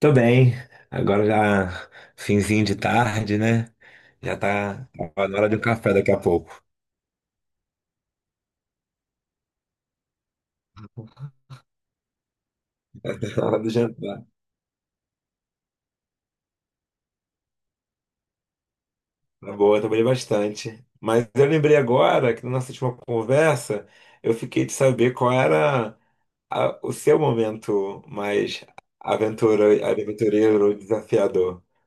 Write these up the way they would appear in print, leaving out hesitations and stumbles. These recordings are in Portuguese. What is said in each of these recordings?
Tô bem. Agora já finzinho de tarde, né? Já tá na hora do café daqui a pouco. Na hora do jantar. Tá boa, eu trabalhei bastante. Mas eu lembrei agora que na nossa última conversa eu fiquei de saber qual era o seu momento mais aventureiro, desafiador.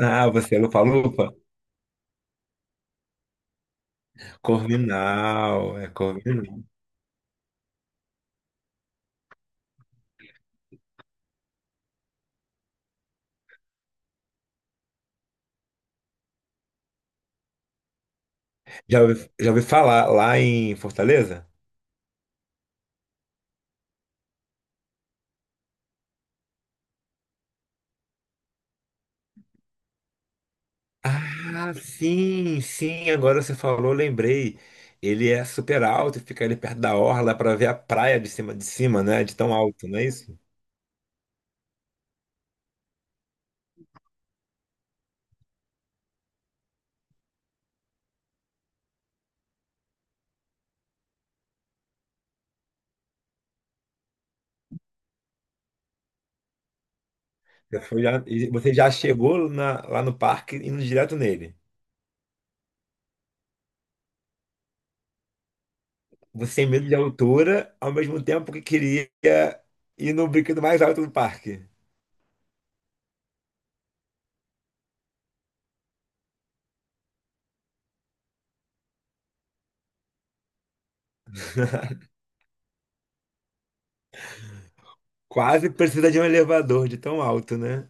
Ah, você é lupa-lupa? Corvinal, é Corvinal. Já ouvi falar lá em Fortaleza? Ah, sim, sim, agora você falou, lembrei. Ele é super alto e fica ali perto da orla para ver a praia de cima, né? De tão alto, não é isso? Você foi já, e você já chegou lá no parque indo direto nele. Você tem medo de altura, ao mesmo tempo que queria ir no brinquedo mais alto do parque. Quase precisa de um elevador de tão alto, né?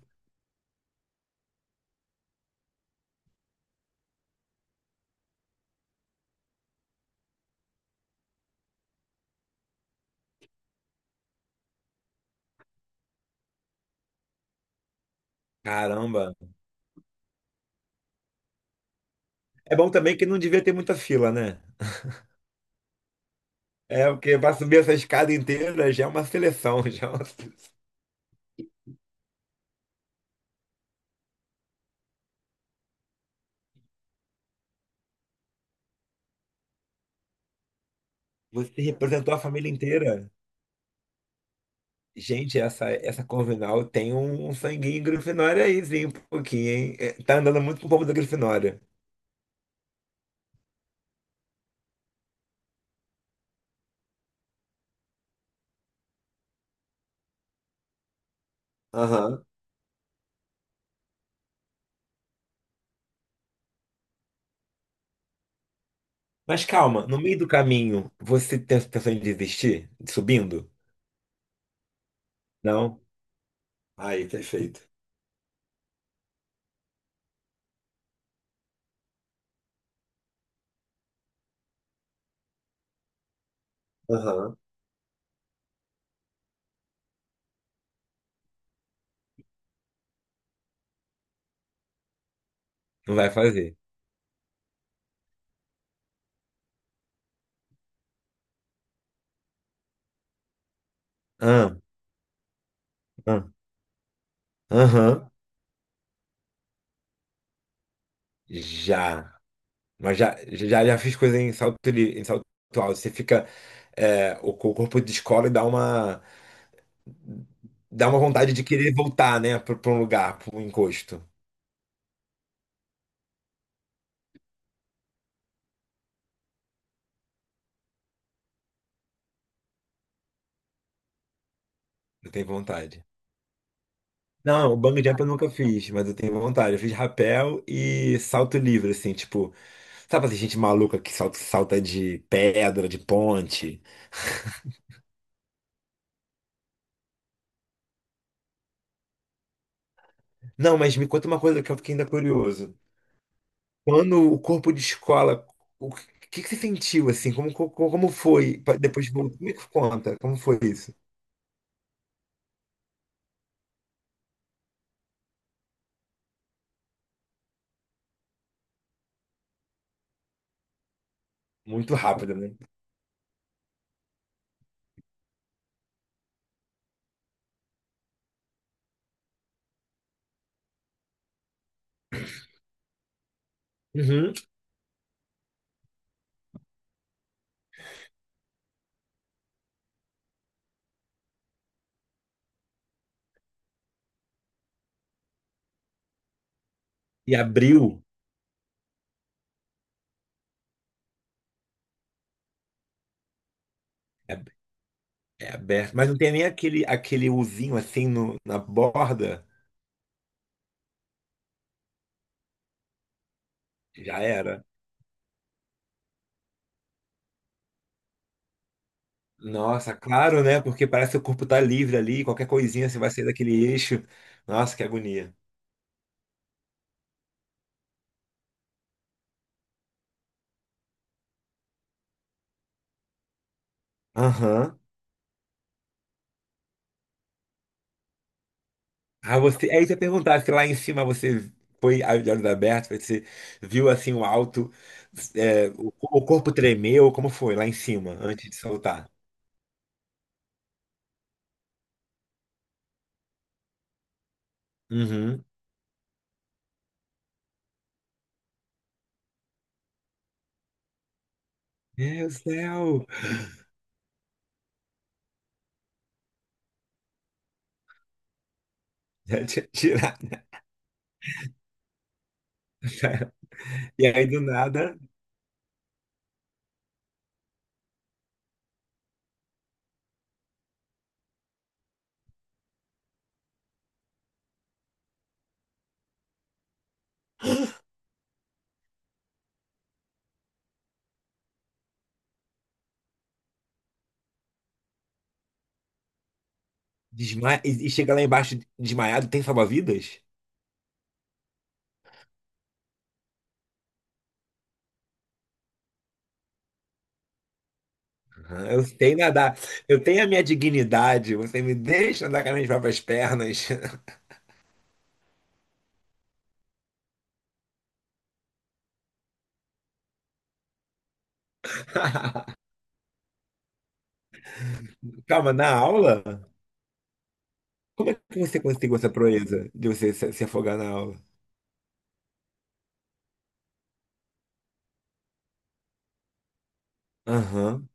Caramba. É bom também que não devia ter muita fila, né? É, porque para subir essa escada inteira já é uma seleção, já é uma... Você representou a família inteira. Gente, essa Corvinal tem um sanguinho Grifinória aí, sim, um pouquinho, hein? É, tá andando muito com o povo da Grifinória. Aham. Mas calma, no meio do caminho, você tem a intenção de desistir? De subindo? Não? Aí, perfeito. Aham. Não vai fazer. Ah, ah, Aham. Já. Mas já fiz coisa em salto alto. Você fica. O corpo descola e dá uma. Dá uma vontade de querer voltar, né, pra um lugar, pra um encosto. Eu tenho vontade. Não, o bungee jump eu nunca fiz, mas eu tenho vontade. Eu fiz rapel e salto livre, assim, tipo, sabe assim, gente maluca que salta, salta de pedra, de ponte. Não, mas me conta uma coisa que eu fiquei ainda curioso. Quando o corpo de escola, o que, que você sentiu, assim? Como foi? Depois, de voltar, me conta, como foi isso? Muito rápido, né? Uhum. E abriu. É aberto, mas não tem nem aquele uzinho assim na borda. Já era. Nossa, claro, né? Porque parece que o corpo tá livre ali, qualquer coisinha você vai sair daquele eixo. Nossa, que agonia. Aham. Ah, você. Aí você ia perguntar se lá em cima você foi de olhos abertos, você viu assim o alto, o corpo tremeu, como foi lá em cima, antes de soltar? Uhum. Meu céu! Já tinha tirado. E aí do nada. E chega lá embaixo desmaiado, tem salva-vidas? Aham, eu sei nadar, eu tenho a minha dignidade, você me deixa andar com as minhas próprias pernas. Calma, na aula? Como é que você conseguiu essa proeza de você se afogar na aula? Aham,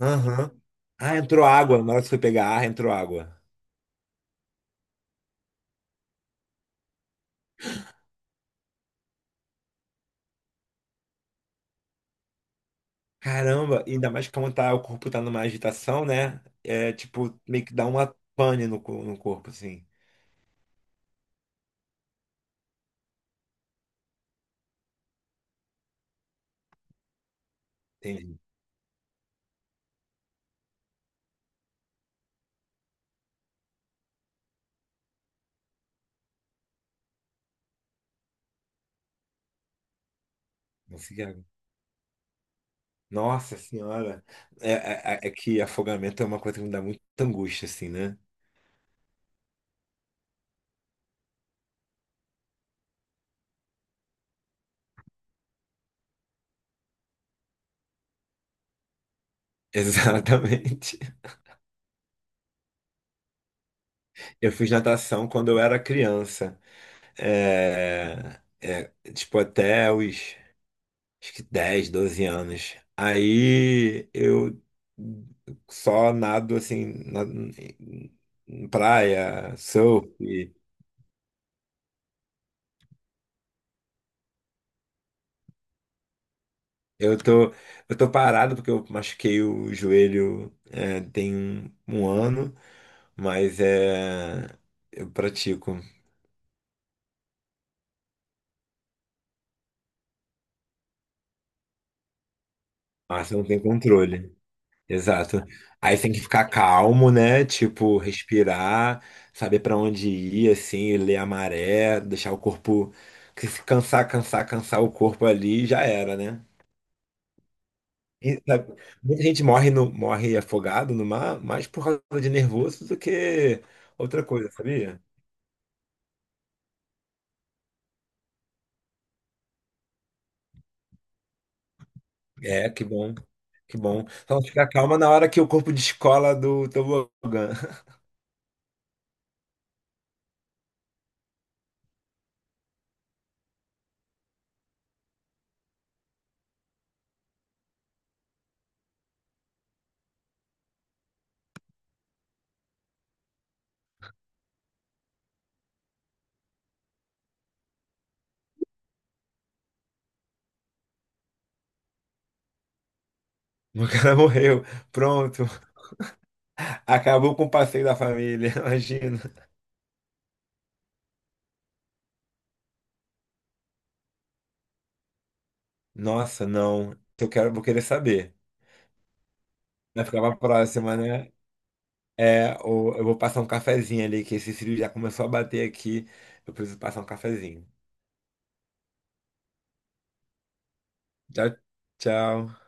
aham. Ah, entrou água, na hora que você foi pegar ar, entrou água. Caramba, e ainda mais como tá, o corpo tá numa agitação, né? É tipo, meio que dá uma pane no corpo, assim. Entendi. Não sei. Nossa senhora, é que afogamento é uma coisa que me dá muita angústia, assim, né? Exatamente. Eu fiz natação quando eu era criança. É, tipo, até os, acho que 10, 12 anos. Aí eu só nado, assim, na, em praia, surf. Eu tô, eu tô parado porque eu machuquei o joelho tem um ano, mas eu pratico. Mas você não tem controle. Exato. Aí você tem que ficar calmo, né? Tipo, respirar, saber pra onde ir, assim, ler a maré, deixar o corpo. Porque se cansar, cansar, cansar o corpo ali, já era, né? E, sabe, muita gente morre afogado no mar mais por causa de nervoso do que outra coisa, sabia? É, que bom. Que bom. Só não ficar calma na hora que o corpo descola do tobogã. O cara morreu. Pronto. Acabou com o passeio da família. Imagina. Nossa, não. Eu quero, vou querer saber. Vai ficar pra próxima, né? É, ou eu vou passar um cafezinho ali, que esse cílio já começou a bater aqui. Eu preciso passar um cafezinho. Tchau, tchau.